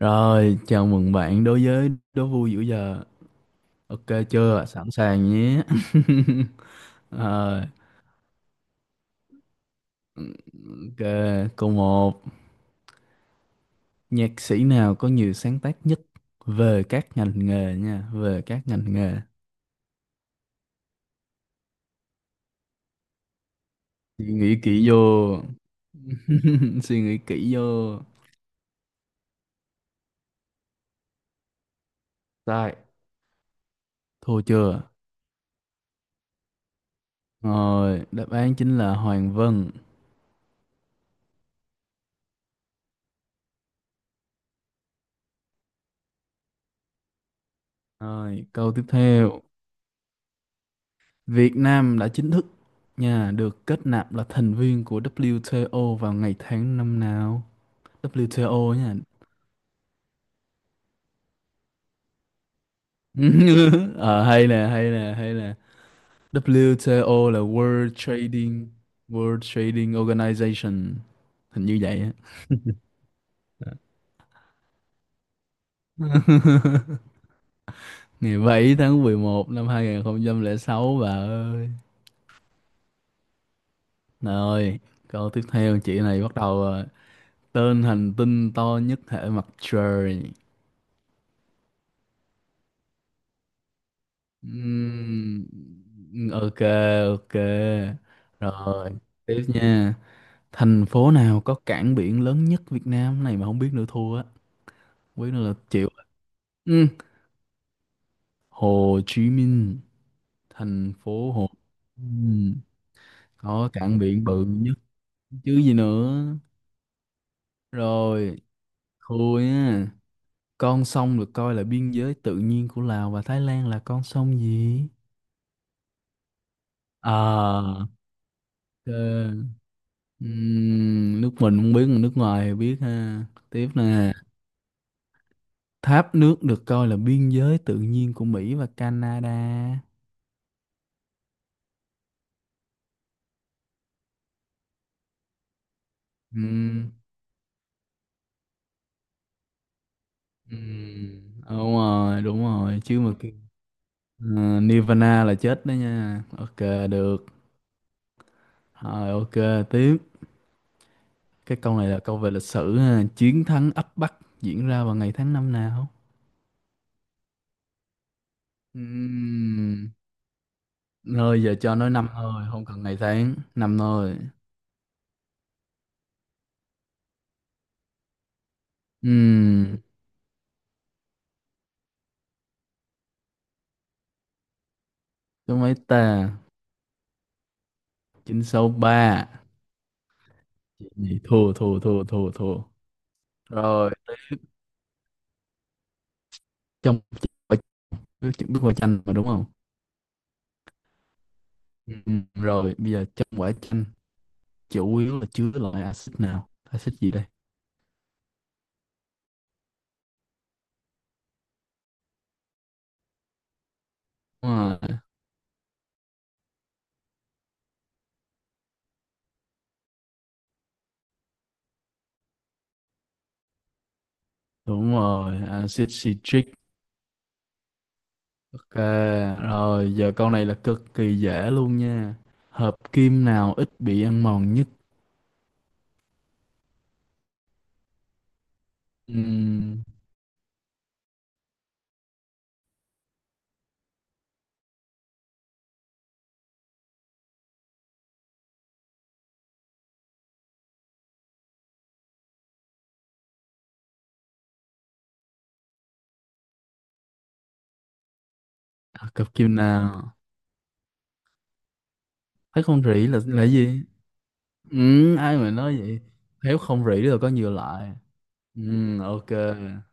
Rồi, chào mừng bạn đối với đố vui giữa giờ. Ok chưa? Sẵn sàng nhé. Rồi, ok, câu một. Nhạc sĩ nào có nhiều sáng tác nhất về các ngành nghề nha, về các ngành nghề. Suy nghĩ kỹ vô. Suy nghĩ kỹ vô. Sai. Thua chưa? Rồi, đáp án chính là Hoàng Vân. Rồi, câu tiếp theo. Việt Nam đã chính thức nha, được kết nạp là thành viên của WTO vào ngày tháng năm nào? WTO nha. Ờ, hay nè, hay nè, hay nè. WTO là World Trading, World Trading Organization. Hình như vậy á. Ngày 7 tháng 11 năm 2006 bà ơi. Rồi, câu tiếp theo, chị này bắt đầu rồi. Tên hành tinh to nhất hệ mặt trời. Ừm, ok, ok, rồi tiếp nha. Thành phố nào có cảng biển lớn nhất Việt Nam? Cái này mà không biết nữa thua á. Không biết nữa là chịu, ừ. Hồ Chí Minh, thành phố Hồ Chí, có cảng biển bự nhất chứ gì nữa. Rồi, thua nha. Con sông được coi là biên giới tự nhiên của Lào và Thái Lan là con sông gì? À, ok. Nước mình không biết, nước ngoài thì biết ha. Tiếp nè. Tháp nước được coi là biên giới tự nhiên của Mỹ và Canada. Ừm, ừm, Đúng rồi, đúng rồi. Ờ, Nirvana là chết đó nha. Ok, được. Rồi, ok, tiếp. Cái câu này là câu về lịch sử ha. Chiến thắng ấp Bắc diễn ra vào ngày tháng năm nào? Ừm, Nơi giờ cho nói năm thôi, không cần ngày tháng. Năm thôi. Ừm, Đúng mấy ta? 963. Chị này thua, thua, thua, thua, thua rồi. Trong, chuẩn bị quả chanh mà đúng không? Ừ. Ừ, rồi bây giờ trong quả chanh chủ yếu là chứa loại axit nào, axit gì đây? Đúng rồi, đúng rồi. Axit citric. Ok, rồi giờ câu này là cực kỳ dễ luôn nha. Hợp kim nào ít bị ăn mòn nhất? Ừm, hợp kim nào thấy không rỉ là gì. Ừ, ai mà nói vậy. Héo không rỉ là có nhiều loại. Ừ, ok,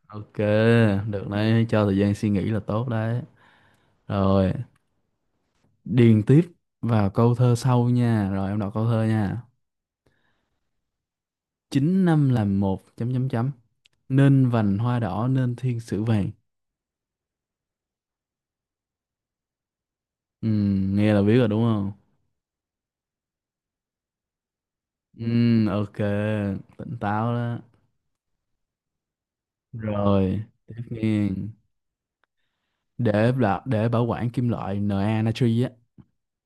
ok, được đấy, cho thời gian suy nghĩ là tốt đấy. Rồi, điền tiếp vào câu thơ sau nha, rồi em đọc câu thơ nha. Chín năm làm một, chấm chấm chấm, nên vành hoa đỏ nên thiên sử vàng. Ừ, nghe là biết rồi đúng không? Ừ, ok, tỉnh táo đó. Rồi, tiếp nghe. Để bảo quản kim loại Na, natri á,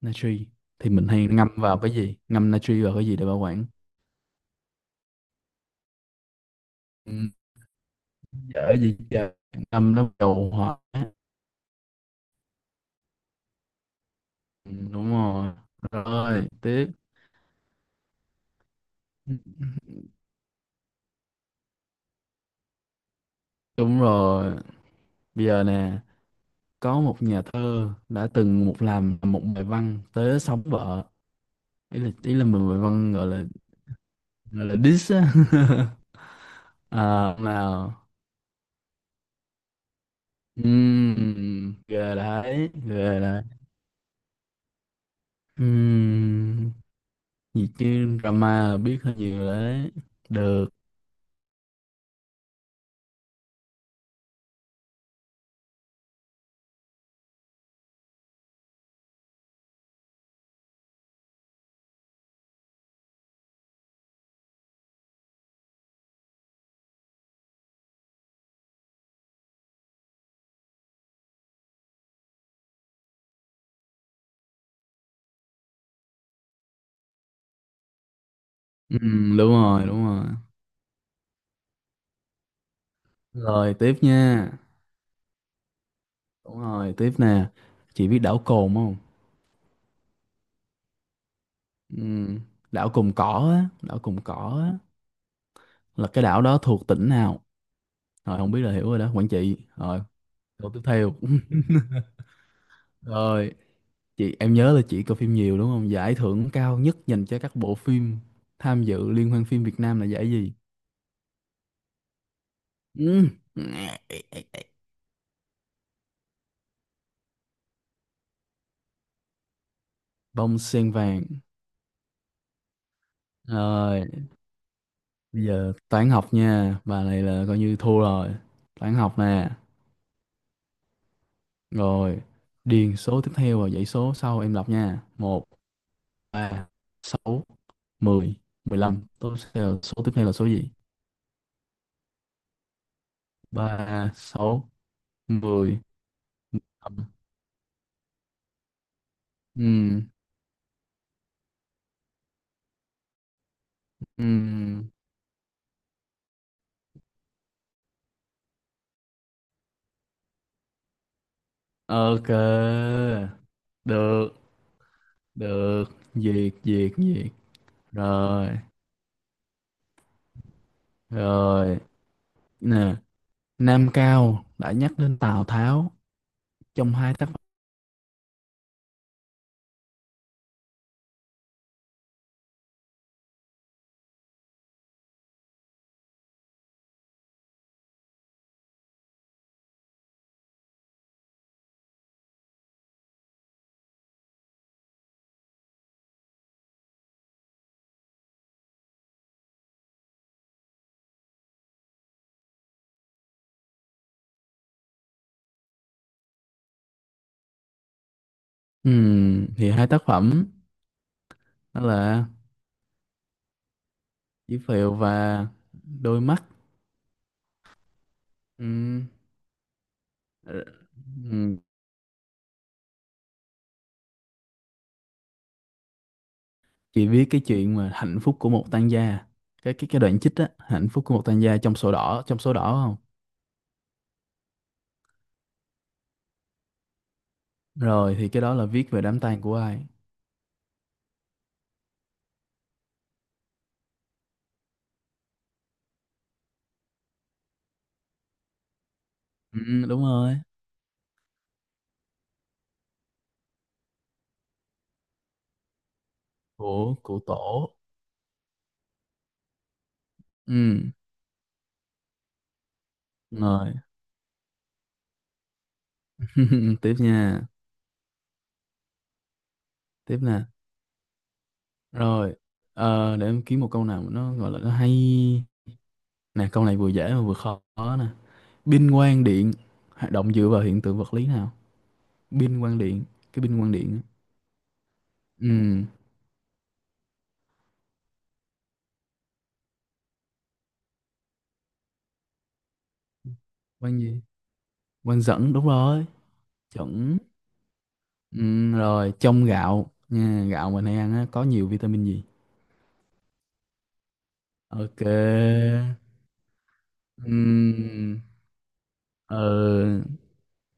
natri thì mình hay ngâm vào cái gì? Ngâm natri vào cái gì để bảo quản? Dở gì trời, năm nó đầu hóa. Ừ, đúng rồi. Rồi tiếp. Đúng rồi, bây giờ nè, có một nhà thơ đã từng làm một bài văn tới sống vợ, ý là mình bài văn gọi là, gọi là diss á. À, nào. Ghê đấy, ghê đấy. Ừm, gì chứ drama là biết hơi nhiều đấy. Được. Đúng rồi, đúng rồi. Rồi tiếp nha. Đúng rồi, tiếp nè. Chị biết đảo Cồn không? Ừm, Đảo Cồn Cỏ á, đảo Cồn Cỏ á, là cái đảo đó thuộc tỉnh nào? Rồi không biết là hiểu rồi đó, Quảng Trị. Rồi, câu tiếp theo. Rồi, chị em nhớ là chị coi phim nhiều đúng không? Giải thưởng cao nhất dành cho các bộ phim tham dự liên hoan phim Việt Nam là giải gì? Ừm, Bông sen vàng. Rồi, bây giờ toán học nha. Bà này là coi như thua rồi. Toán học nè. Rồi, điền số tiếp theo và dãy số sau em đọc nha. Một, ba, sáu, mười, mười lăm. Tiếp theo số tiếp theo là số gì? Ba, sáu, mười. Ừm, ừm, ok. Được, được. Duyệt, duyệt, duyệt. Rồi, rồi. Nè, Nam Cao đã nhắc đến Tào Tháo trong hai tác phẩm. Thì hai tác phẩm đó là Chí Phèo và Đôi Mắt. Ừm. Ờ, ừm, chị biết cái chuyện mà hạnh phúc của một tang gia, cái đoạn chích á, hạnh phúc của một tang gia trong sổ đỏ, trong sổ đỏ không? Rồi thì cái đó là viết về đám tang của ai? Ừ, đúng rồi, của tổ. Ừ rồi. Tiếp nha, tiếp nè. Rồi, ờ, để em kiếm một câu nào mà nó gọi là nó hay. Nè câu này vừa dễ mà vừa khó nè. Binh quang điện hoạt động dựa vào hiện tượng vật lý nào? Binh quang điện, cái binh quang điện á. Ừ, quang gì? Quang dẫn đúng rồi. Chuẩn. Ừ, rồi trong gạo nha, gạo mình hay ăn á, có nhiều vitamin gì? Ok. Ừm, ờ,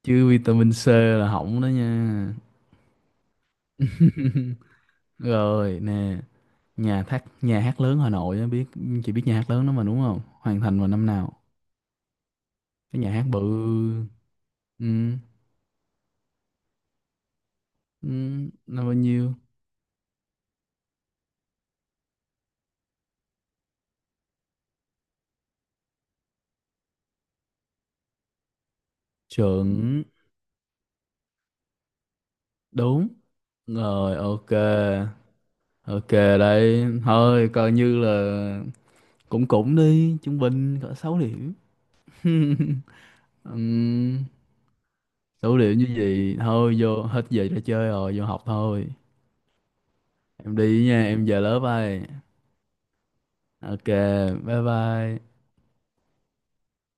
chứ vitamin C là hỏng đó nha. Rồi nè, nhà hát, nhà hát lớn Hà Nội á, biết, chị biết nhà hát lớn đó mà đúng không, hoàn thành vào năm nào? Cái nhà hát bự. Ừ, ừ, năm bao nhiêu? Chuẩn, đúng rồi. Ok, ok, đấy thôi coi như là cũng cũng đi trung bình cỡ 6 điểm. Ừm, 6 điểm như vậy thôi, vô hết giờ ra chơi rồi vô học thôi. Em đi nha, em về lớp ai. Ok, bye bye.